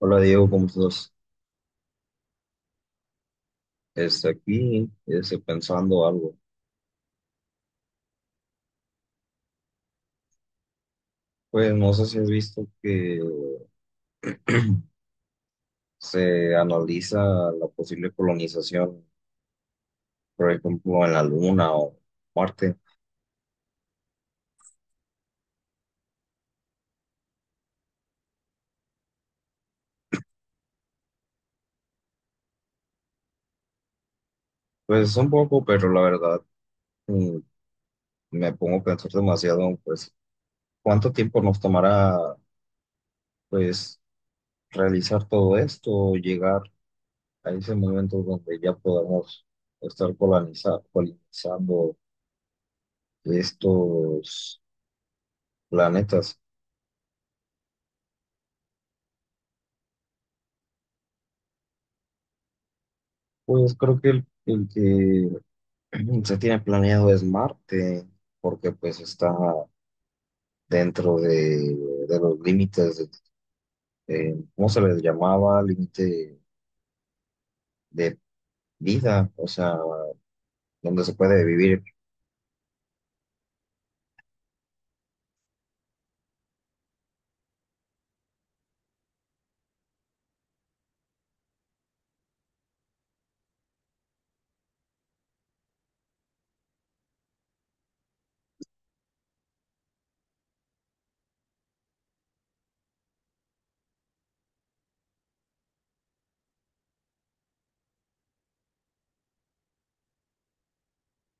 Hola Diego, ¿cómo estás? Aquí pensando algo. Pues no sé si has visto que se analiza la posible colonización, por ejemplo, en la Luna o Marte. Pues un poco, pero la verdad mm, me pongo a pensar demasiado, pues, ¿cuánto tiempo nos tomará, pues, realizar todo esto, o llegar a ese momento donde ya podamos estar colonizando estos planetas? Pues creo que el que se tiene planeado es Marte, porque pues está dentro de los límites, de, ¿cómo se les llamaba? Límite de vida, o sea, donde se puede vivir.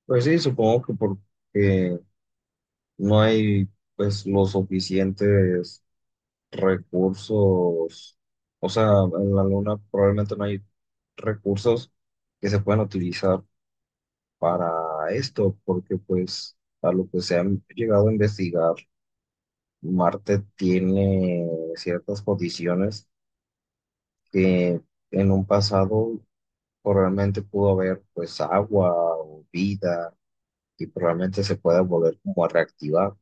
Pues sí, supongo que porque no hay pues los suficientes recursos, o sea, en la Luna probablemente no hay recursos que se puedan utilizar para esto, porque pues a lo que se han llegado a investigar, Marte tiene ciertas condiciones que en un pasado probablemente pudo haber pues agua o vida y probablemente se pueda volver como a reactivar.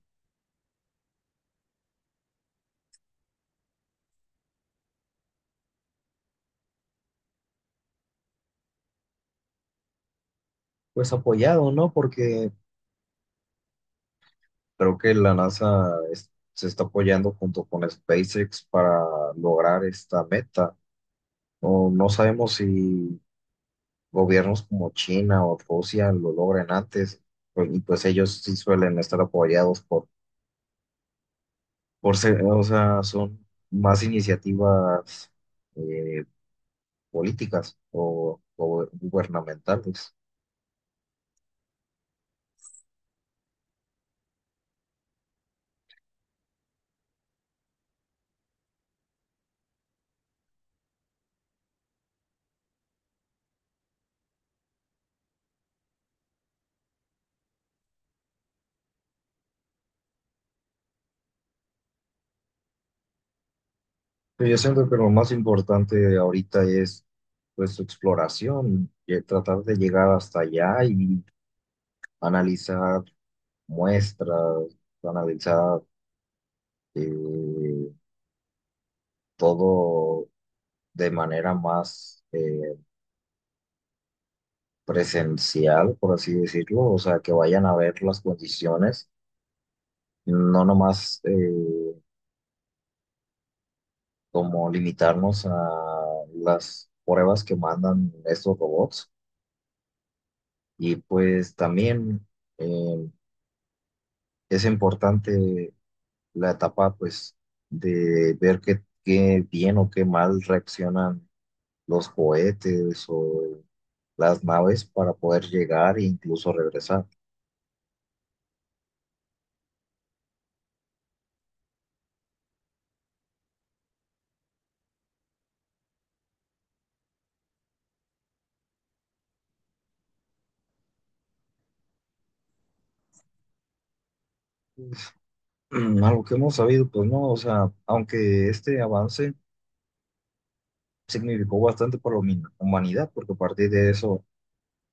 Pues apoyado, ¿no? Porque creo que se está apoyando junto con SpaceX para lograr esta meta. O no sabemos si gobiernos como China o Rusia lo logran antes, pues, y pues ellos sí suelen estar apoyados por ser, o sea, son más iniciativas eh, políticas o gubernamentales. Pero yo siento que lo más importante ahorita es pues su exploración, y tratar de llegar hasta allá y analizar muestras, analizar eh, todo de manera más, presencial, por así decirlo, o sea, que vayan a ver las condiciones, no nomás como limitarnos a las pruebas que mandan estos robots. Y pues también eh, es importante la etapa, pues, de ver qué, qué bien o qué mal reaccionan los cohetes o las naves para poder llegar e incluso regresar. Algo que hemos sabido, pues no, o sea, aunque este avance significó bastante para la humanidad, porque a partir de eso,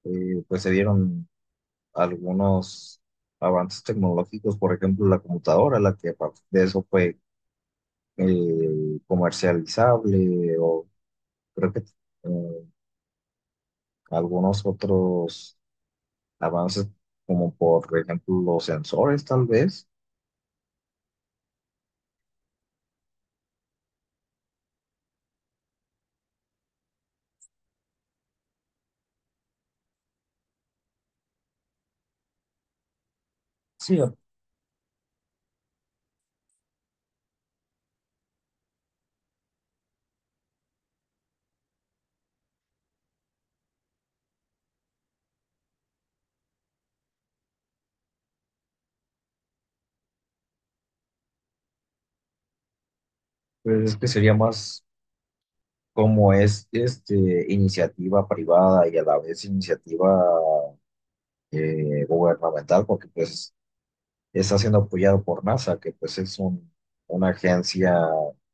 pues se vieron algunos avances tecnológicos, por ejemplo, la computadora, la que a partir de eso fue comercializable, o creo que algunos otros avances, como por ejemplo los sensores, tal vez. Sí, pues es que sería más como es este, iniciativa privada y a la vez iniciativa gubernamental, porque pues está siendo apoyado por NASA, que pues es un, una agencia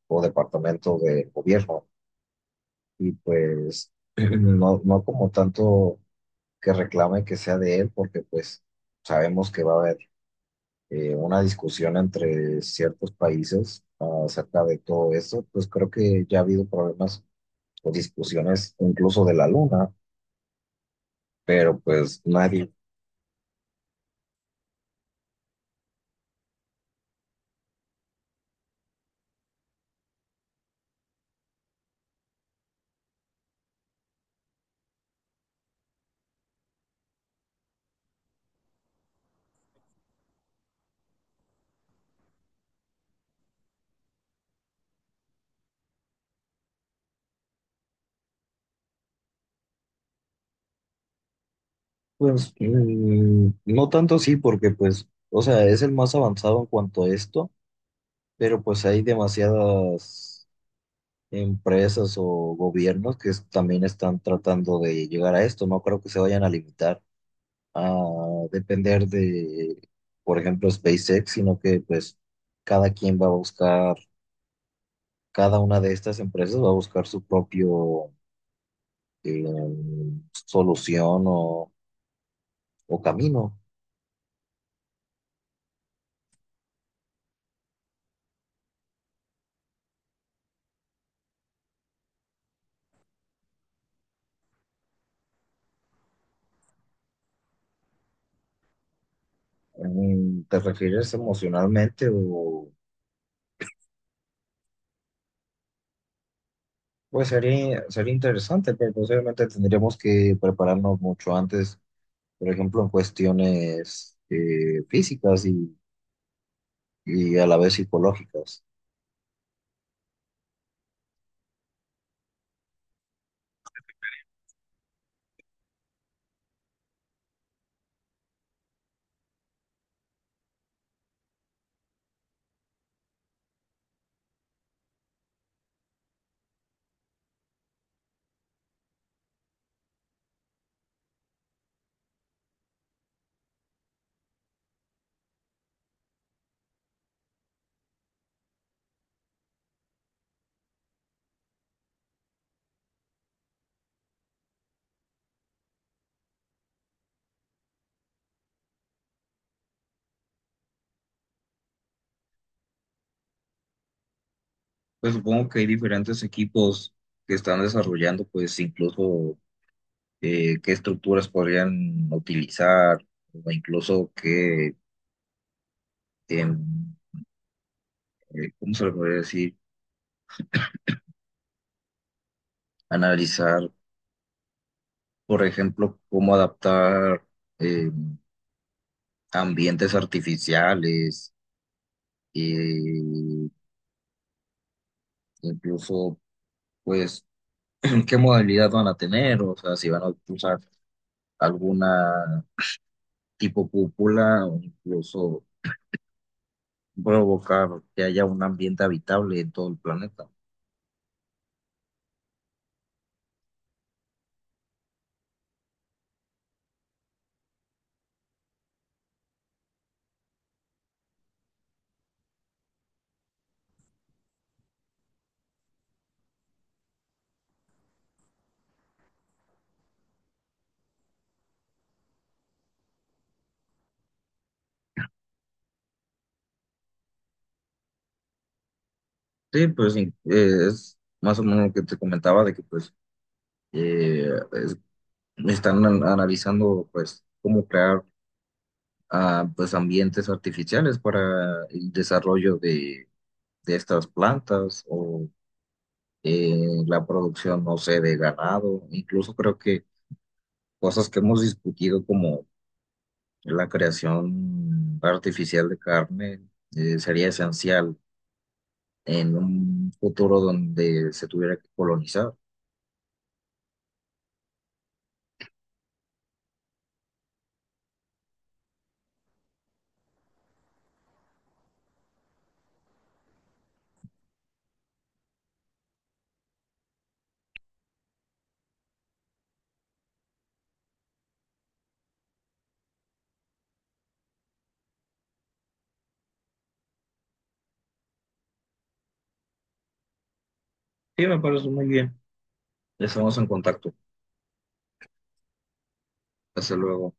o departamento del gobierno, y pues no, no como tanto que reclame que sea de él, porque pues sabemos que va a haber una discusión entre ciertos países acerca de todo esto, pues creo que ya ha habido problemas o discusiones incluso de la Luna, pero pues nadie, pues no tanto sí, porque pues, o sea, es el más avanzado en cuanto a esto, pero pues hay demasiadas empresas o gobiernos también están tratando de llegar a esto. No creo que se vayan a limitar a depender de, por ejemplo, SpaceX, sino que pues cada quien va a buscar, cada una de estas empresas va a buscar su propio solución o camino. ¿Te refieres emocionalmente o...? Pues sería, sería interesante, pero posiblemente tendríamos que prepararnos mucho antes, por ejemplo, en cuestiones físicas y a la vez psicológicas. Pues supongo que hay diferentes equipos que están desarrollando, pues incluso qué estructuras podrían utilizar, o incluso qué, em, ¿cómo se le podría decir? Analizar, por ejemplo, cómo adaptar eh, ambientes artificiales, eh, incluso, pues, qué modalidad van a tener, o sea, si van a usar alguna tipo cúpula o incluso provocar que haya un ambiente habitable en todo el planeta. Sí, pues sí, es más o menos lo que te comentaba de que pues eh, es- están analizando pues cómo crear ah, pues ambientes artificiales para el desarrollo de estas plantas o eh, la producción, no sé, de ganado, incluso creo que cosas que hemos discutido como la creación artificial de carne sería esencial en un futuro donde se tuviera que colonizar. Sí, me parece muy bien. Estamos en contacto. Hasta luego.